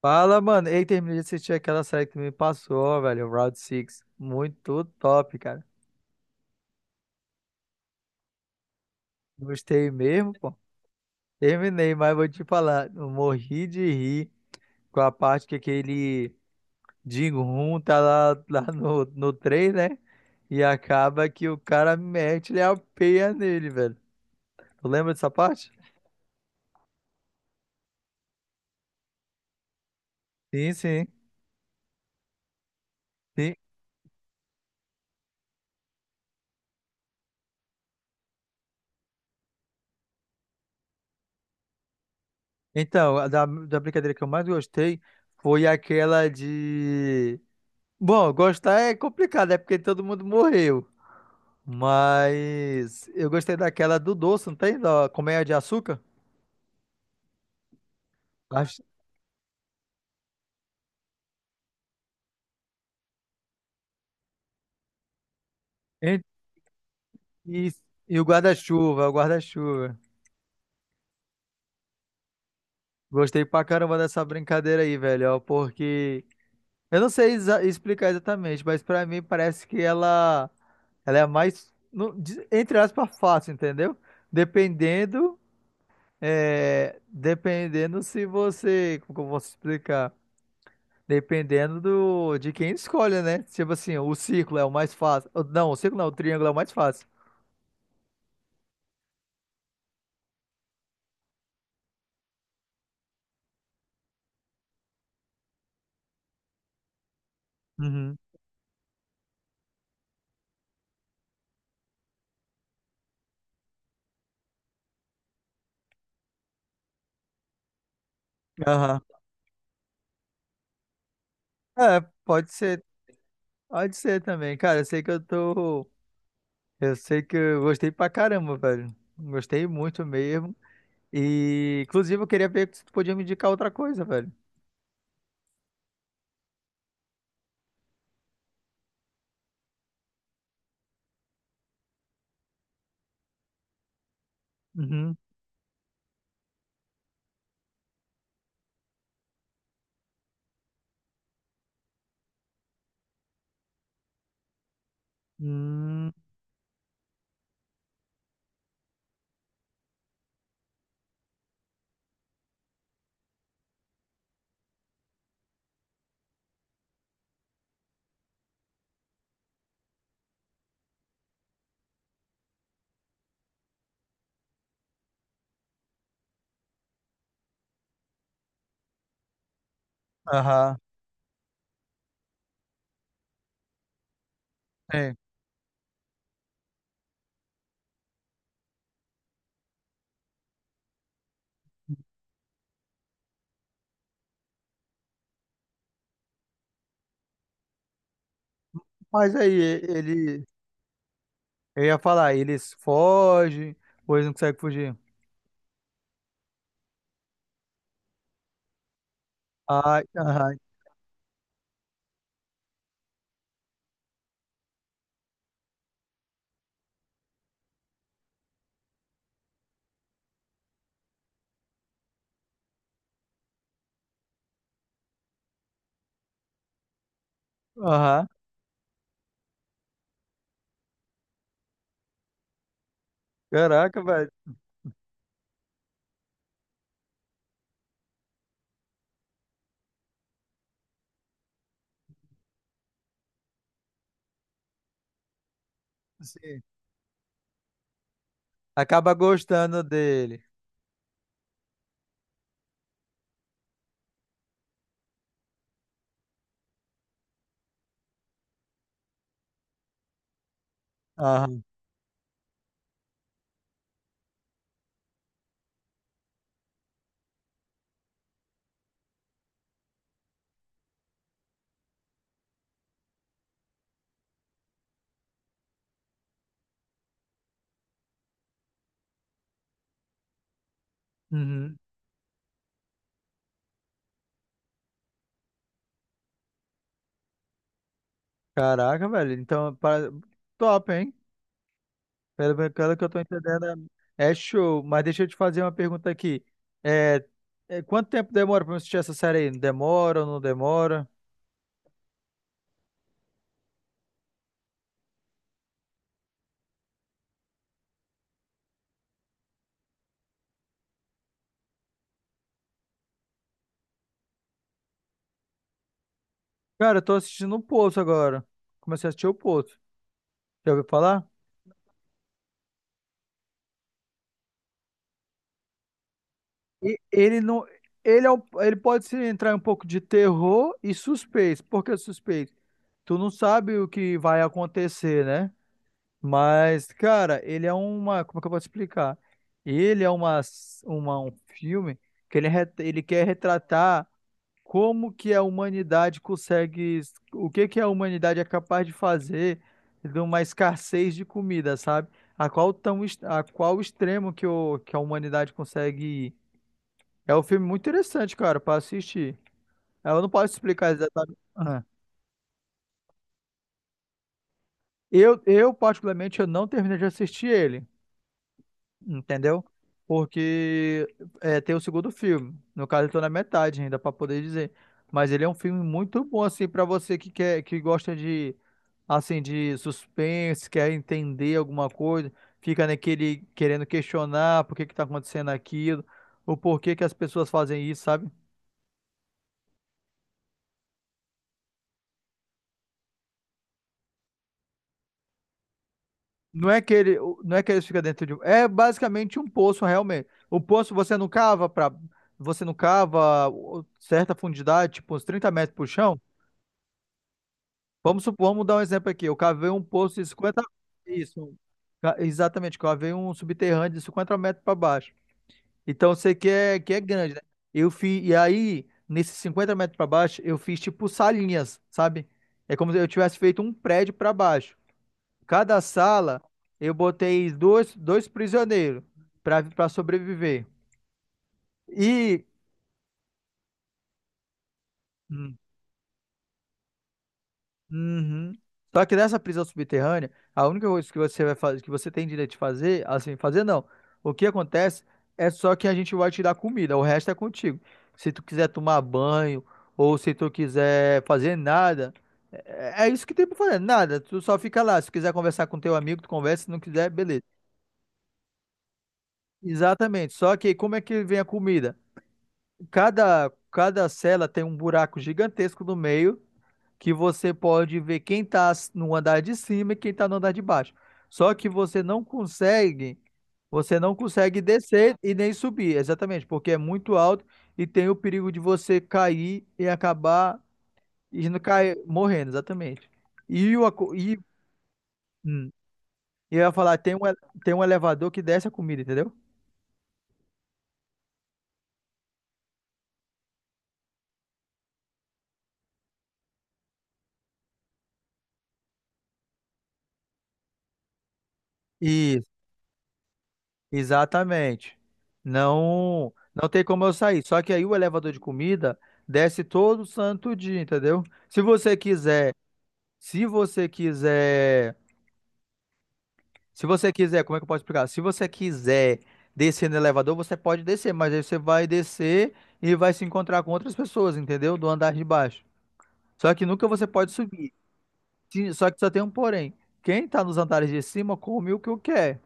Fala, mano. Ei, terminei de assistir aquela série que tu me passou, velho. Round Six. Muito top, cara. Gostei mesmo, pô. Terminei, mas vou te falar, eu morri de rir com a parte que aquele Jin-Hoon tá lá, no trem, né? E acaba que o cara mete-lhe a peia nele, velho. Tu lembra dessa parte? Sim, sim. Sim. Então, da brincadeira que eu mais gostei foi aquela de. Bom, gostar é complicado, é porque todo mundo morreu. Mas eu gostei daquela do doce, não tem? Da Colmeia de Açúcar? Acho- E, e- e o guarda-chuva, o guarda-chuva. Gostei pra caramba dessa brincadeira aí, velho, ó, porque eu não sei explicar exatamente, mas pra mim parece que ela é mais entre aspas fácil, entendeu? Dependendo dependendo se você, como que eu posso explicar? Dependendo de quem escolhe, né? Tipo assim, o círculo é o mais fácil. Ou não, o círculo não, o triângulo é o mais fácil. Uhum. Aham. É, pode ser também. Cara, eu sei que eu tô. Eu sei que eu gostei pra caramba, velho. Gostei muito mesmo. E, inclusive, eu queria ver se tu podia me indicar outra coisa, velho. Uhum. Hum. Aham. É. Mas aí, ele. Eu ia falar, eles fogem, ou eles não conseguem fugir. Ai, aham, aham. Caraca, velho. Assim, acaba gostando dele. Aham. Uhum. Caraca, velho. Então, para top, hein? Pelo que eu tô entendendo, é show. Mas deixa eu te fazer uma pergunta aqui. É... Quanto tempo demora pra eu assistir essa série aí? Demora ou não demora? Cara, eu tô assistindo o Poço agora. Comecei a assistir o Poço. Já ouviu falar? E ele não. Ele pode se entrar em um pouco de terror e suspense. Por que suspense? Tu não sabe o que vai acontecer, né? Mas, cara, ele é uma. Como é que eu vou te explicar? Ele é um filme que ele quer retratar como que a humanidade consegue. O que que a humanidade é capaz de fazer de uma escassez de comida, sabe? A qual extremo que a humanidade consegue ir. É um filme muito interessante, cara, pra assistir. Eu não posso explicar exatamente. Ah. Eu, particularmente, eu não terminei de assistir ele, entendeu? Porque tem o segundo filme. No caso, eu tô na metade ainda pra poder dizer. Mas ele é um filme muito bom, assim, pra você que quer, que gosta de, assim, de suspense, quer entender alguma coisa, fica naquele querendo questionar por que que tá acontecendo aquilo, o porquê que as pessoas fazem isso, sabe? Não é que ele, não é que ele fica dentro de, um- é basicamente um poço realmente. O poço você não cava certa fundidade, tipo uns 30 metros pro chão. Vamos supor, vamos dar um exemplo aqui. Eu cavei um poço de 50. Isso. Um exatamente, cavei um subterrâneo de 50 metros para baixo. Então eu sei que é grande, né? Eu fiz, e aí, nesses 50 metros para baixo, eu fiz tipo salinhas, sabe? É como se eu tivesse feito um prédio para baixo. Cada sala, eu botei dois prisioneiros para sobreviver. E. Uhum. Só que nessa prisão subterrânea, a única coisa que você vai fazer, que você tem direito de fazer, assim, fazer não. O que acontece é só que a gente vai te dar comida, o resto é contigo. Se tu quiser tomar banho ou se tu quiser fazer nada, é isso que tem pra fazer, nada. Tu só fica lá. Se quiser conversar com teu amigo, tu conversa, se não quiser, beleza. Exatamente. Só que como é que vem a comida? Cada cela tem um buraco gigantesco no meio que você pode ver quem está no andar de cima e quem está no andar de baixo. Só que você não consegue descer e nem subir, exatamente, porque é muito alto e tem o perigo de você cair e acabar e não cair, morrendo, exatamente. E, o, aco- e, hum, e eu ia falar, tem um elevador que desce a comida, entendeu? Exatamente. Não, não tem como eu sair. Só que aí o elevador de comida desce todo santo dia, entendeu? Se você quiser, se você quiser, se você quiser, como é que eu posso explicar? Se você quiser descer no elevador, você pode descer, mas aí você vai descer e vai se encontrar com outras pessoas, entendeu? Do andar de baixo. Só que nunca você pode subir. Só que só tem um porém. Quem tá nos andares de cima come o que eu quer,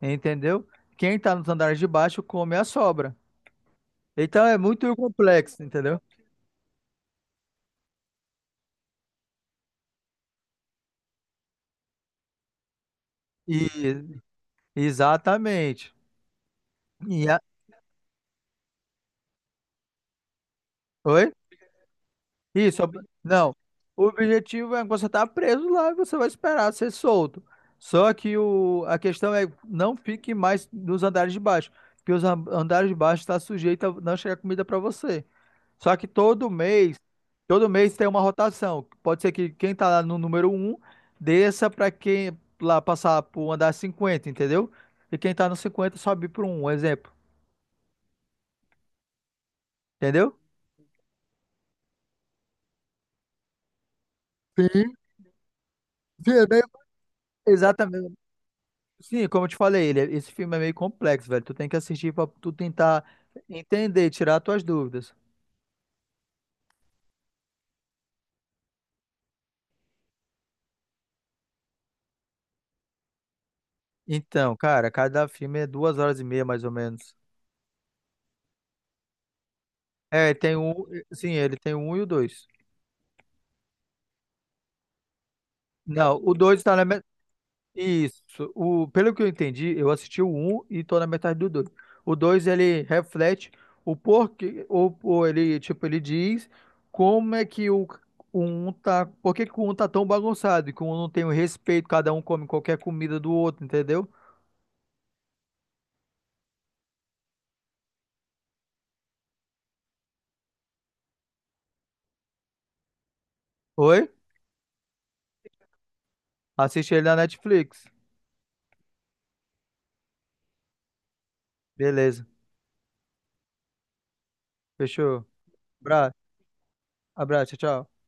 entendeu? Quem tá nos andares de baixo come a sobra. Então é muito complexo, entendeu? E exatamente. E a- Oi? Isso. Ob- Não. O objetivo é que você tá preso lá e você vai esperar ser solto. Só que a questão é não fique mais nos andares de baixo, porque os andares de baixo está sujeito a não chegar comida para você. Só que todo mês tem uma rotação. Pode ser que quem tá lá no número um desça para quem lá passar pro andar 50, entendeu? E quem tá no 50 sobe para um exemplo. Entendeu? Sim, sim, é meio. Exatamente. Sim, como eu te falei, esse filme é meio complexo, velho. Tu tem que assistir pra tu tentar entender, tirar tuas dúvidas. Então, cara, cada filme é 2 horas e meia, mais ou menos. É, tem um. Sim, ele tem um e o dois. Não, o dois tá na. Isso. Pelo que eu entendi, eu assisti o um e tô na metade do 2. O 2 ele reflete o porquê, ou ele, tipo, ele diz como é que o 1 tá, por que que o um tá tão bagunçado e que o um não tem o respeito, cada um come qualquer comida do outro, entendeu? Oi? Assiste ele na Netflix. Beleza. Fechou. Abra- Abraço, tchau, tchau.